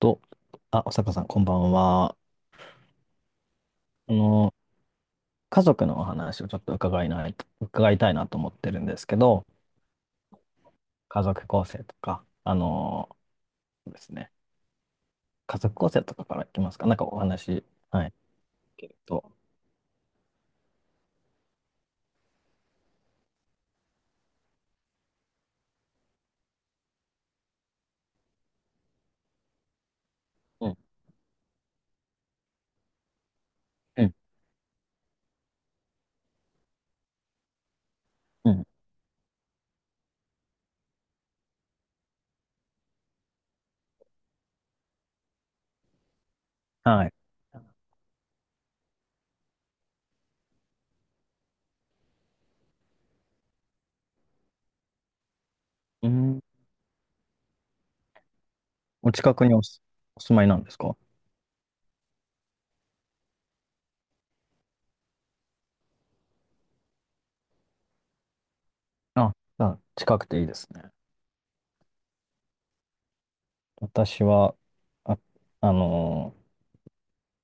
と、あ、おさかさん、こんばんは。あの、家族のお話をちょっと伺いたいなと思ってるんですけど、家族構成とか、あの、ですね、家族構成とかからいきますか。なんかお話、はい、聞けると。うん、うん、うん、はい。うん、お近くにお住、お住まいなんですか？あ、じゃあ近くていいですね。私は、あ、あの、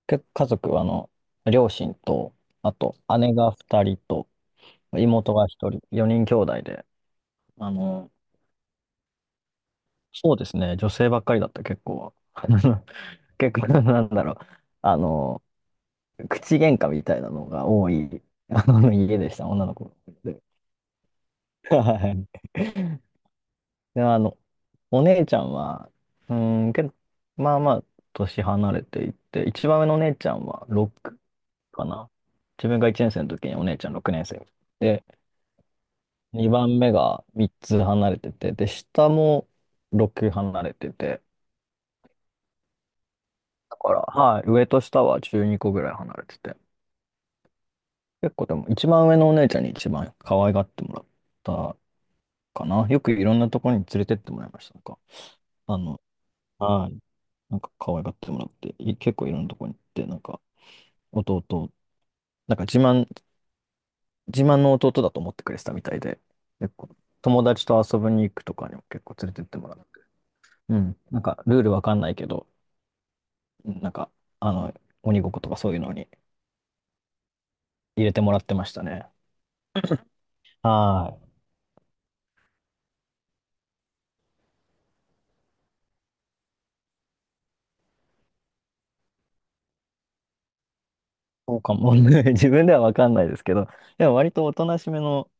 家族は、両親と、あと姉が二人と、妹が一人、4人兄弟で、あの、そうですね。女性ばっかりだった、結構は。結構、なんだろう。あの、口喧嘩みたいなのが多い、あの、家でした、女の子で。はい。で、お姉ちゃんは、うーん、けど、まあまあ、年離れていて、一番上のお姉ちゃんは6かな。自分が1年生の時にお姉ちゃん6年生。で、2番目が3つ離れてて、で、下も6離れてて、だから、はい、上と下は12個ぐらい離れてて。結構でも、一番上のお姉ちゃんに一番可愛がってもらったかな。よくいろんなところに連れてってもらいました。なんか、あの、はい、なんか可愛がってもらって、結構いろんなところに行って、なんか、弟、なんか自慢、自慢の弟だと思ってくれてたみたいで、結構、友達と遊びに行くとかにも結構連れてってもらう。うん、なんか、ルールわかんないけど、なんか、あの、鬼ごっことかそういうのに入れてもらってましたね。はい。そうかもね。自分ではわかんないですけど、でも割とおとなしめの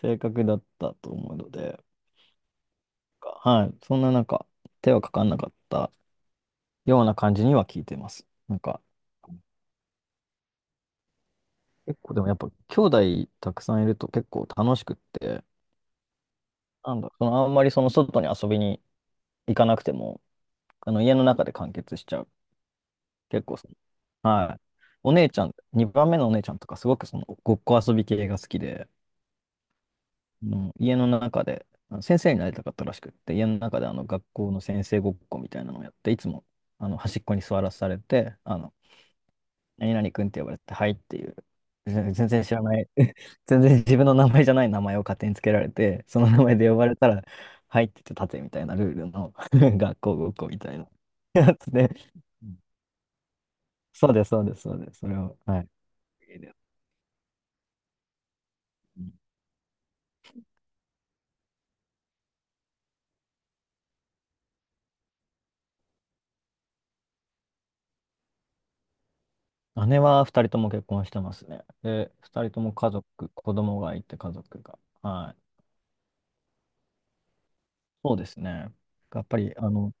性格だったと思うので、はい、そんななんか手はかかんなかったような感じには聞いてます。なんか結構でもやっぱ兄弟たくさんいると結構楽しくって、なんだ、そのあんまりその外に遊びに行かなくても、あの家の中で完結しちゃう。結構その、はい。お姉ちゃん、2番目のお姉ちゃんとかすごくそのごっこ遊び系が好きで、の家の中で、あの先生になりたかったらしくって、家の中であの学校の先生ごっこみたいなのをやって、いつもあの端っこに座らされて、あの、何々くんって呼ばれて、はいっていう、全然知らない、全然自分の名前じゃない名前を勝手につけられて、その名前で呼ばれたら、はいって言って立てみたいなルールの 学校ごっこみたいなやつで、うん、そうです、そうです、そうです、それを、はい。姉は二人とも結婚してますね。で、二人とも家族、子供がいて家族が。はい。そうですね。やっぱり、あの、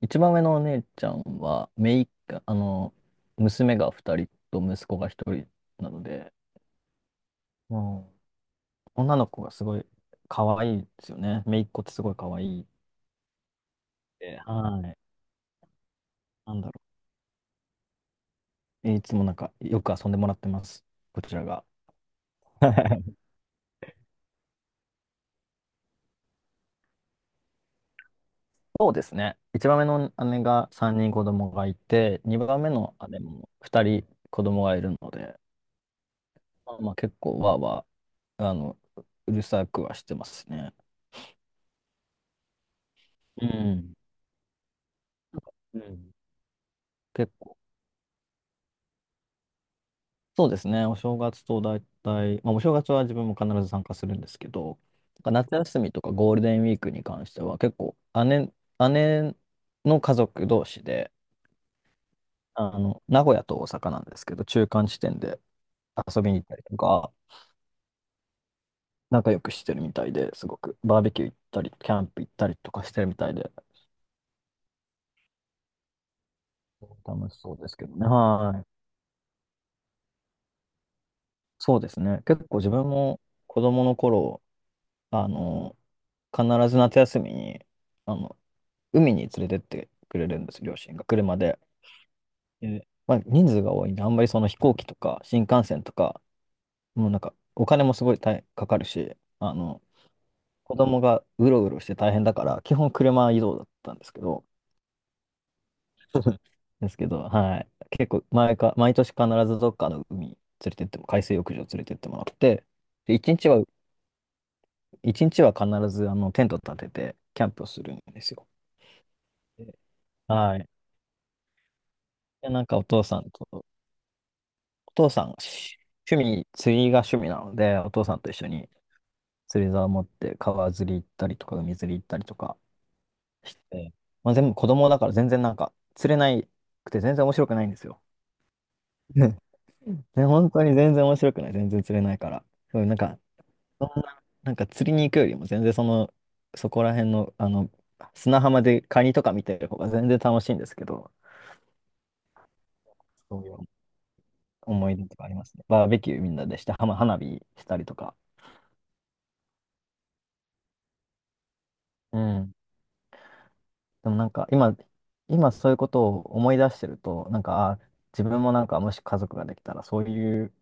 一番上のお姉ちゃんは、姪っ子、あの、娘が二人と息子が一人なので、もう、女の子がすごい可愛いですよね。姪っ子ってすごい可愛いって。はい。なんだろう。いつもなんか、よく遊んでもらってます。こちらが。そうですね。一番目の姉が3人子供がいて、二番目の姉も2人子供がいるので、まあ、まあ結構わーわー、あの、うるさくはしてますね。うん。うん。結構。そうですね。お正月と大体、まあお正月は自分も必ず参加するんですけど、なんか夏休みとかゴールデンウィークに関しては結構姉、姉の家族同士で、あの、名古屋と大阪なんですけど、中間地点で遊びに行ったりとか、仲良くしてるみたいですごく、バーベキュー行ったり、キャンプ行ったりとかしてるみたいで、楽しそうですけどね。はい。そうですね。結構自分も子供の頃、あの、必ず夏休みに、あの、海に連れてってくれるんです、両親が、車で。でまあ、人数が多いんで、あんまりその飛行機とか新幹線とか、もうなんか、お金もすごい大かかるし、あの、子供がうろうろして大変だから、基本車移動だったんですけど、ですけど、はい。結構毎年必ずどっかの海水浴場連れてってもらって、で、一日は必ずあのテント立ててキャンプをするんですよ。で、はい。で、なんかお父さんと、お父さん、し趣味、釣りが趣味なので、お父さんと一緒に釣り竿を持って川釣り行ったりとか、海釣り行ったりとかして、まあ、全部子供だから全然なんか釣れなくて全然面白くないんですよ。ね、本当に全然面白くない。全然釣れないから。そう、なんか、そんな、なんか釣りに行くよりも全然その、そこら辺の、あの、砂浜でカニとか見てる方が全然楽しいんですけど、そういう思い出とかありますね。バーベキューみんなでして、はま花火したりとか。うん。でもなんか今、今そういうことを思い出してると、なんか、あ、自分もなんかもし家族ができたら、そういう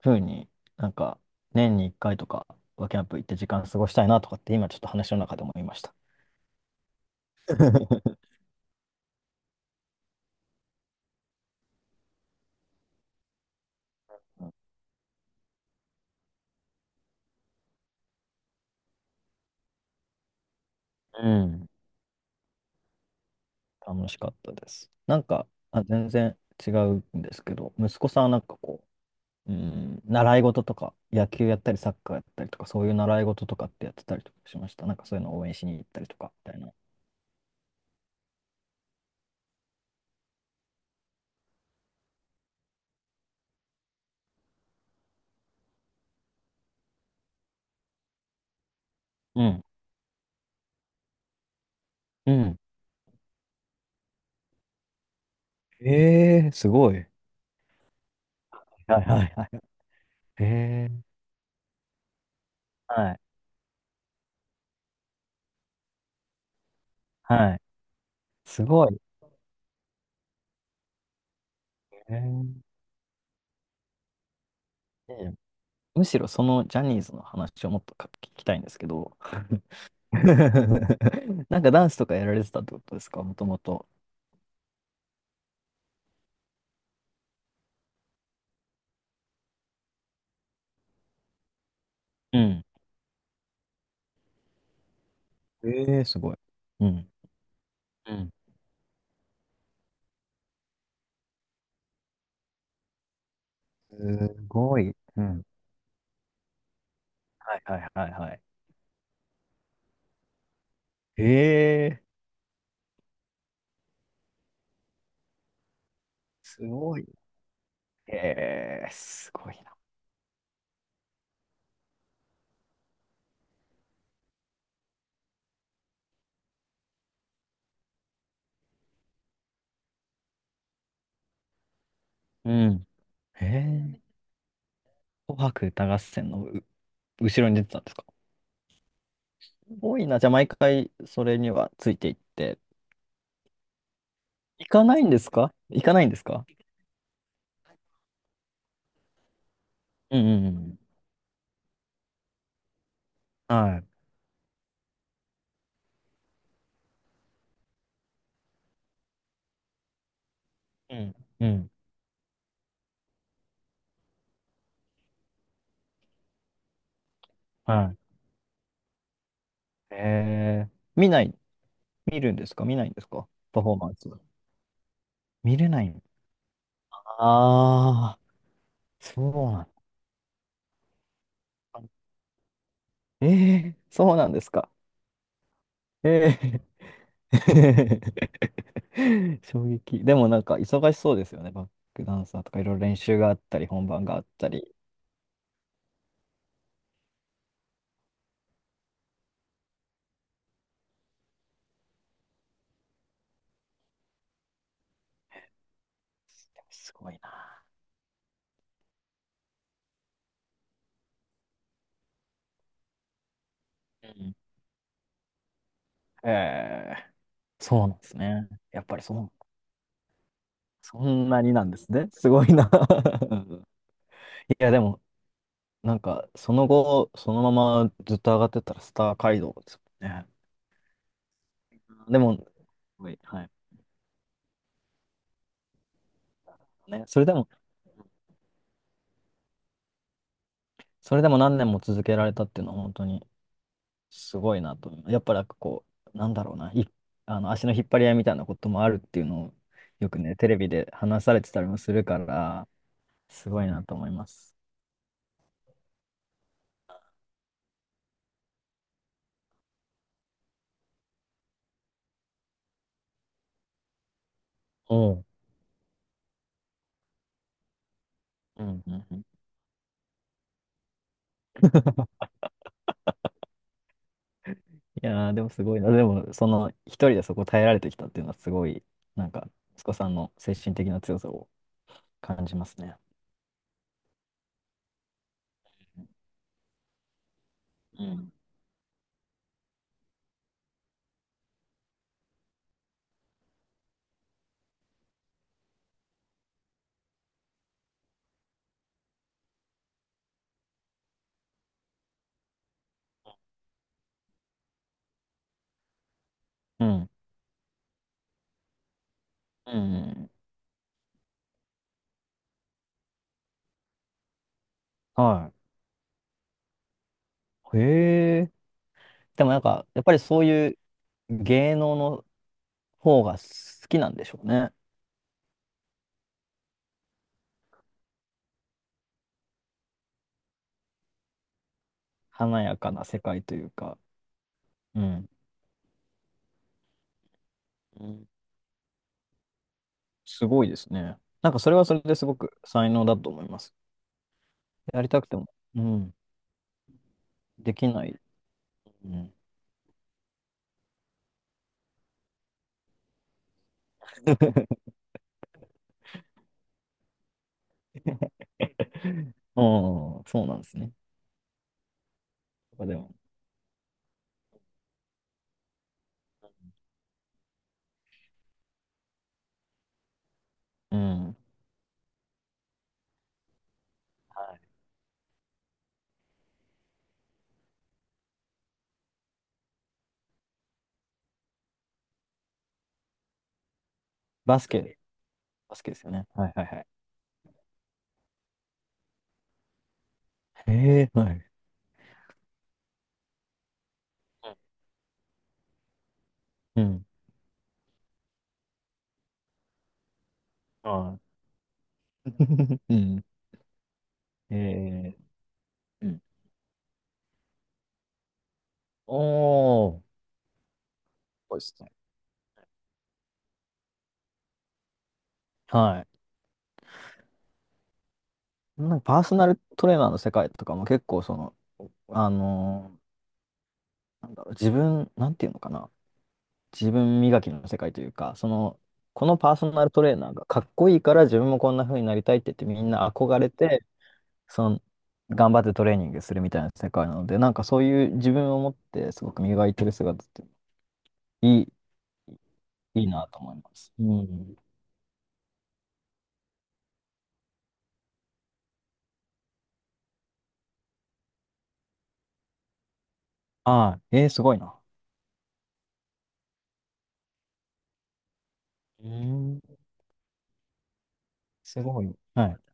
ふうになんか年に1回とかはキャンプ行って時間過ごしたいなとかって今ちょっと話の中で思いました。うん。楽しかったです。なんか、あ、全然違うんですけど、息子さんはなんかこう、うん、習い事とか、野球やったり、サッカーやったりとか、そういう習い事とかってやってたりとかしました。なんかそういうのを応援しに行ったりとか、みたいな。うん。うん。ええー、すごい。はいはいはい。ええー、はい。はい。すごい。えー、むしろそのジャニーズの話をもっとか聞きたいんですけど、なんかダンスとかやられてたってことですか、もともと。うん。ええ、すごい。うん。うん。すごい。うん。はいはいはいはい。ええ、すごいね。ええ、すごいな。うん。ええ、紅白歌合戦の後ろに出てたんですか？すごいな。じゃあ毎回それにはついていって。行かないんですか？行かないんですか？うんうんうん。はい。うん。うん。はい。ええ、見ない、見るんですか？見ないんですか？パフォーマンス。見れない。ああ、そうなんだ。ええ、そうなんですか。ええ 衝撃。でもなんか忙しそうですよね。バックダンサーとかいろいろ練習があったり、本番があったり。すごいな。うん、ええ、そうなんですね。やっぱりそう、そんなになんですね。すごいな。いや、でも、なんか、その後、そのままずっと上がってったらスター街道ですもんね。でも、すごい、はい。ね、それでも、それでも何年も続けられたっていうのは本当に、すごいなと。やっぱなんかこう、なんだろうな、い、あの足の引っ張り合いみたいなこともあるっていうのをよくね、テレビで話されてたりもするから、すごいなと思います。おう。うんうんうん。いやー、でもすごいな。でも、その、一人でそこ耐えられてきたっていうのはすごい、なんか、息子さんの精神的な強さを感じますね。うん。うん。うん。はい。へえ。でもなんか、やっぱりそういう芸能の方が好きなんでしょうね。華やかな世界というか、うん、うん。すごいですね。なんかそれはそれですごく才能だと思います。やりたくても、うん、できない。うん。うん、そうなんですね。でも、うん。はい。バスケ、バスケですよね。はいはいはい。えー、はい。うん。はい。うん。えー、うん。おー、すごいですね。はい。なんかパーソナルトレーナーの世界とかも結構その、あのー、なんだろう、自分、なんていうのかな。自分磨きの世界というか、その、このパーソナルトレーナーがかっこいいから自分もこんな風になりたいって言ってみんな憧れて、その、頑張ってトレーニングするみたいな世界なので、なんかそういう自分を持ってすごく磨いてる姿っていい、いいなと思います。うん。ああ、えー、すごいな。うん、すごい。はい。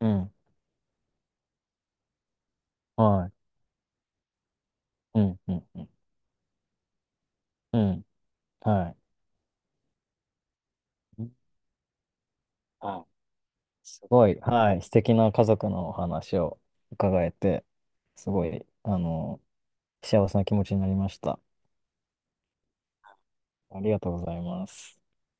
うん。はい。うん、うん、うん。うん。はい。うん、はい、すごい、はい、素敵な家族のお話を伺えて、すごい、あの、幸せな気持ちになりました。ありがとうございます。